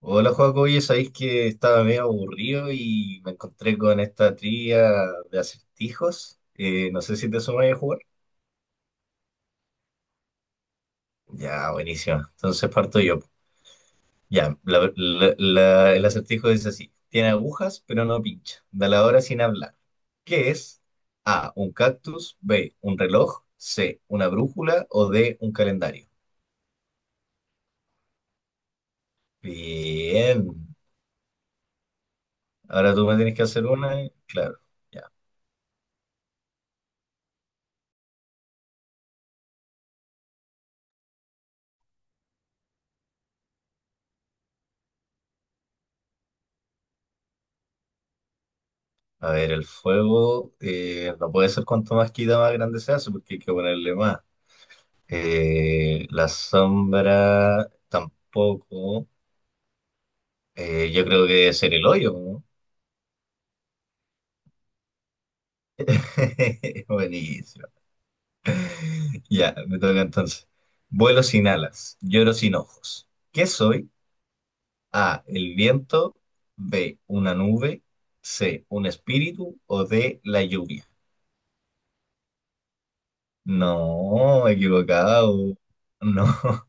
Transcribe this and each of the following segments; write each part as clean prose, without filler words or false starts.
Hola Joaco, oye, sabéis que estaba medio aburrido y me encontré con esta trivia de acertijos. No sé si te sumas a jugar. Ya, buenísimo. Entonces parto yo. Ya, el acertijo dice así: Tiene agujas, pero no pincha. Da la hora sin hablar. ¿Qué es? A, un cactus. B, un reloj. C, una brújula. O D, un calendario. Bien. Ahora tú me tienes que hacer una. Claro. A ver, el fuego no puede ser, cuanto más quita más grande se hace porque hay que ponerle más. La sombra tampoco. Yo creo que debe ser el hoyo, ¿no? Buenísimo. Ya, me toca entonces. Vuelo sin alas, lloro sin ojos. ¿Qué soy? A, el viento. B, una nube. C, un espíritu. O D, la lluvia. No, equivocado. No.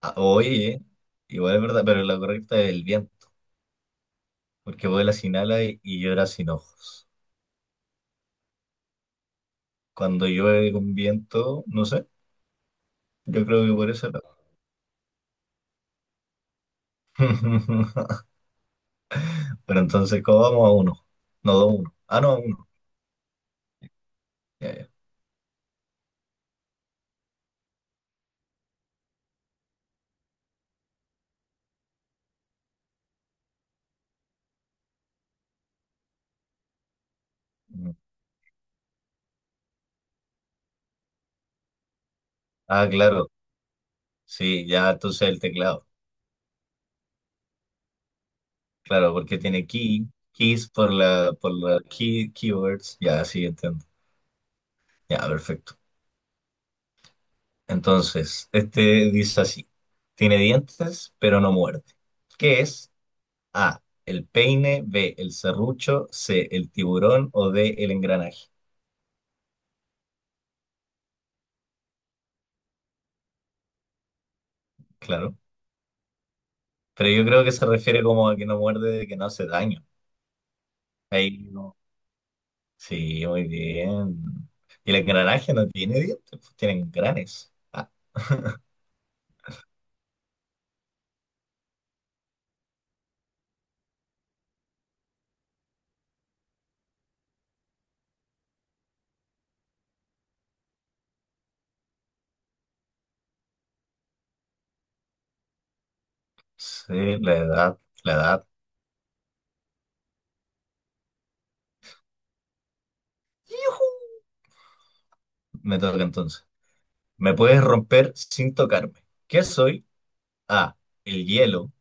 Ah, oye, igual es verdad, pero la correcta es el viento, porque vuela sin ala y llora sin ojos. Cuando llueve con viento, no sé, yo creo que por eso era. Pero entonces, ¿cómo vamos a uno? No, dos, uno. Ah, no, a uno. Ya, ya. Mm. Ah, claro, sí, ya entonces el teclado. Claro, porque tiene key, keys, por la key, keywords. Ya, sí, entiendo. Ya, perfecto. Entonces, este dice así: tiene dientes, pero no muerde. ¿Qué es? A, el peine. B, el serrucho. C, el tiburón. O D, el engranaje. Claro. Pero yo creo que se refiere como a que no muerde, de que no hace daño. Ahí no. Sí, muy bien. Y el engranaje no tiene dientes, pues tienen granes. Ah. Sí, la edad, la edad. ¡Yujú! Me toca entonces. Me puedes romper sin tocarme. ¿Qué soy? A, el hielo.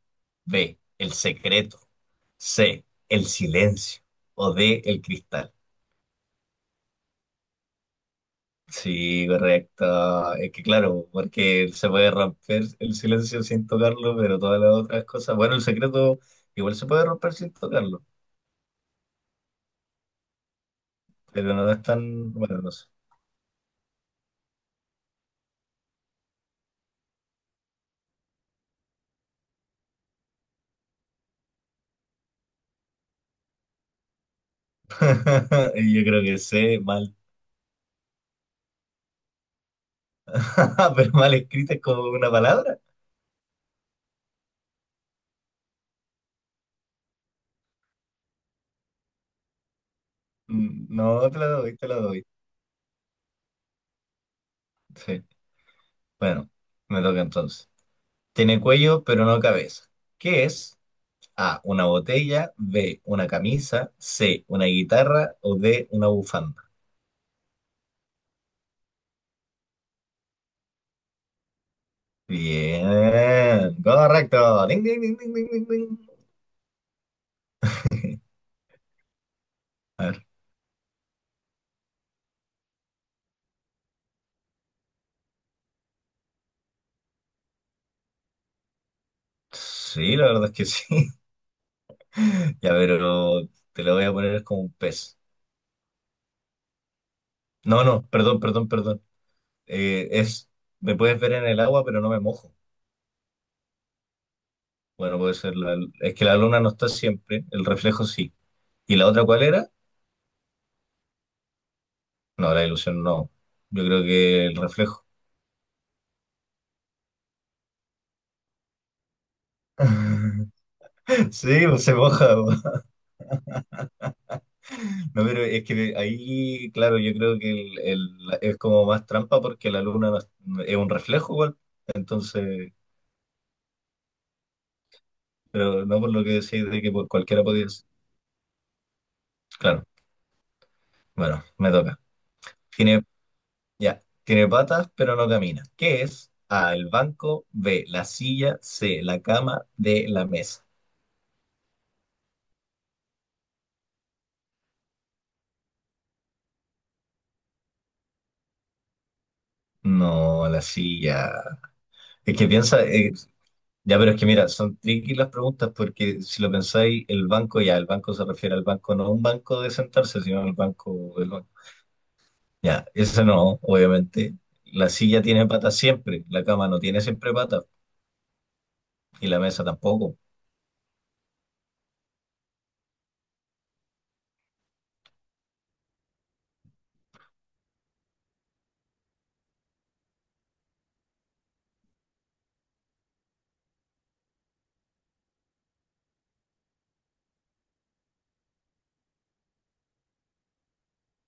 B, el secreto. C, el silencio. O D, el cristal. Sí, correcto. Es que claro, porque se puede romper el silencio sin tocarlo, pero todas las otras cosas. Bueno, el secreto igual se puede romper sin tocarlo, pero no es tan. Bueno, no sé. Yo creo que sé mal. Pero mal escrita es como una palabra. Mm, no, te la doy, te la doy. Sí. Bueno, me toca entonces. Tiene cuello, pero no cabeza. ¿Qué es? A, una botella. B, una camisa. C, una guitarra. O D, una bufanda. Bien, correcto. Ding, ding, ding, ding, ding, ding, ding. A ver, sí, la verdad es que sí. Ya, pero te lo voy a poner como un pez. No, no, perdón, perdón, perdón. Eh, es, me puedes ver en el agua, pero no me mojo. Bueno, puede ser, es que la luna no está siempre, el reflejo sí. ¿Y la otra cuál era? No, la ilusión no. Yo creo que el reflejo. Sí, pues se moja, pues. No, pero es que ahí, claro, yo creo que es como más trampa porque la luna no es, es un reflejo igual. Entonces, pero no por lo que decís de que por cualquiera podía ser. Claro, bueno, me toca. Tiene, ya, tiene patas, pero no camina. ¿Qué es? A, el banco. B, la silla. C, la cama. D, la mesa. No, la silla. Es que piensa, ya, pero es que mira, son tricky las preguntas, porque si lo pensáis, el banco, ya, el banco se refiere al banco, no a un banco de sentarse, sino al banco del banco. Ya, esa no, obviamente. La silla tiene patas siempre, la cama no tiene siempre patas y la mesa tampoco.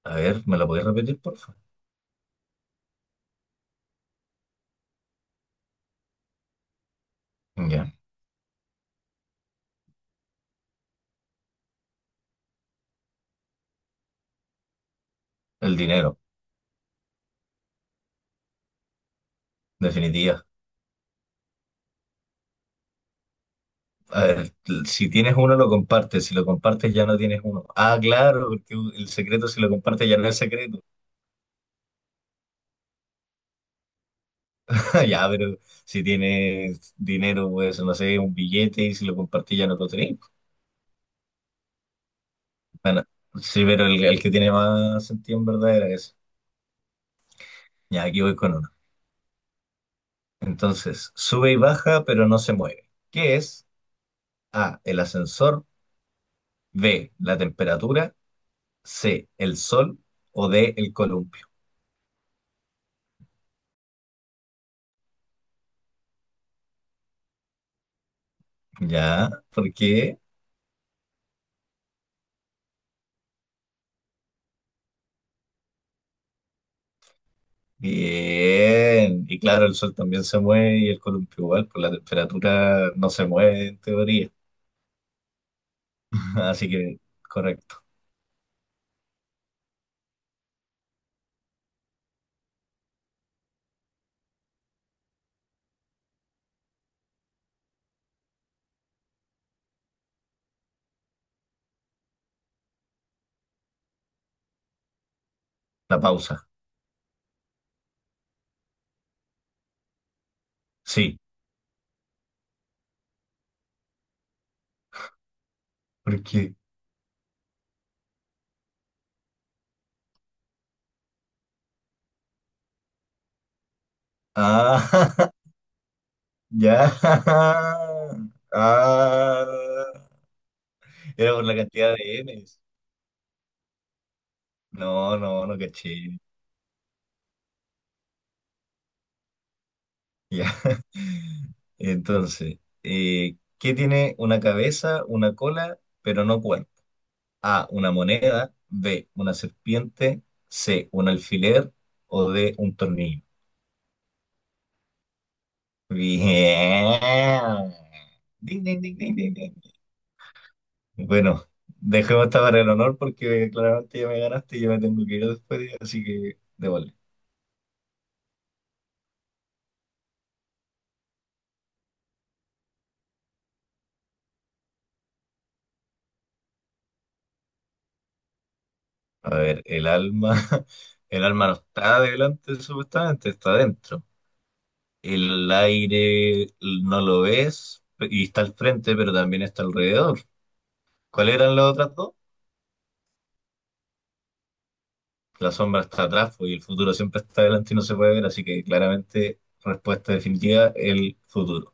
A ver, ¿me la podéis repetir, por favor? Ya, el dinero, definitiva. A ver, si tienes uno, lo compartes, si lo compartes, ya no tienes uno. Ah, claro, porque el secreto, si lo compartes, ya no es secreto. Ya, pero si tienes dinero, pues no sé, un billete, y si lo compartís ya no lo tenéis. Bueno, sí, pero el que tiene más sentido en verdad era ese. Ya, aquí voy con uno. Entonces, sube y baja, pero no se mueve. ¿Qué es? A, el ascensor. B, la temperatura. C, el sol. O D, el columpio. Ya, ¿por qué? Bien. Y claro, el sol también se mueve y el columpio igual, pues la temperatura no se mueve en teoría. Así que, correcto. La pausa, sí, porque... Ah, ya. Ah, era por la cantidad de M's. No, no, no caché. Ya. Entonces, ¿qué tiene una cabeza, una cola, pero no cuerpo? A, una moneda. B, una serpiente. C, un alfiler. O D, un tornillo. Bien. Ding, ding, ding, ding, ding, ding. Bueno, dejemos esta para el honor, porque claramente ya me ganaste y yo me tengo que ir después, así que démosle. A ver, el alma, el alma no está delante, supuestamente, está adentro. El aire no lo ves y está al frente, pero también está alrededor. ¿Cuáles eran las otras dos? La sombra está atrás, pues, y el futuro siempre está delante y no se puede ver, así que claramente, respuesta definitiva, el futuro.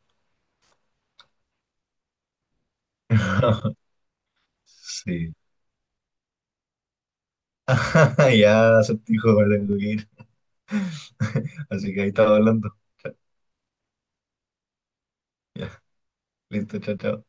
Sí. Ya, acertijo, me tengo que ir. Así que ahí estaba hablando. Cha- Ya, listo, chao, chao.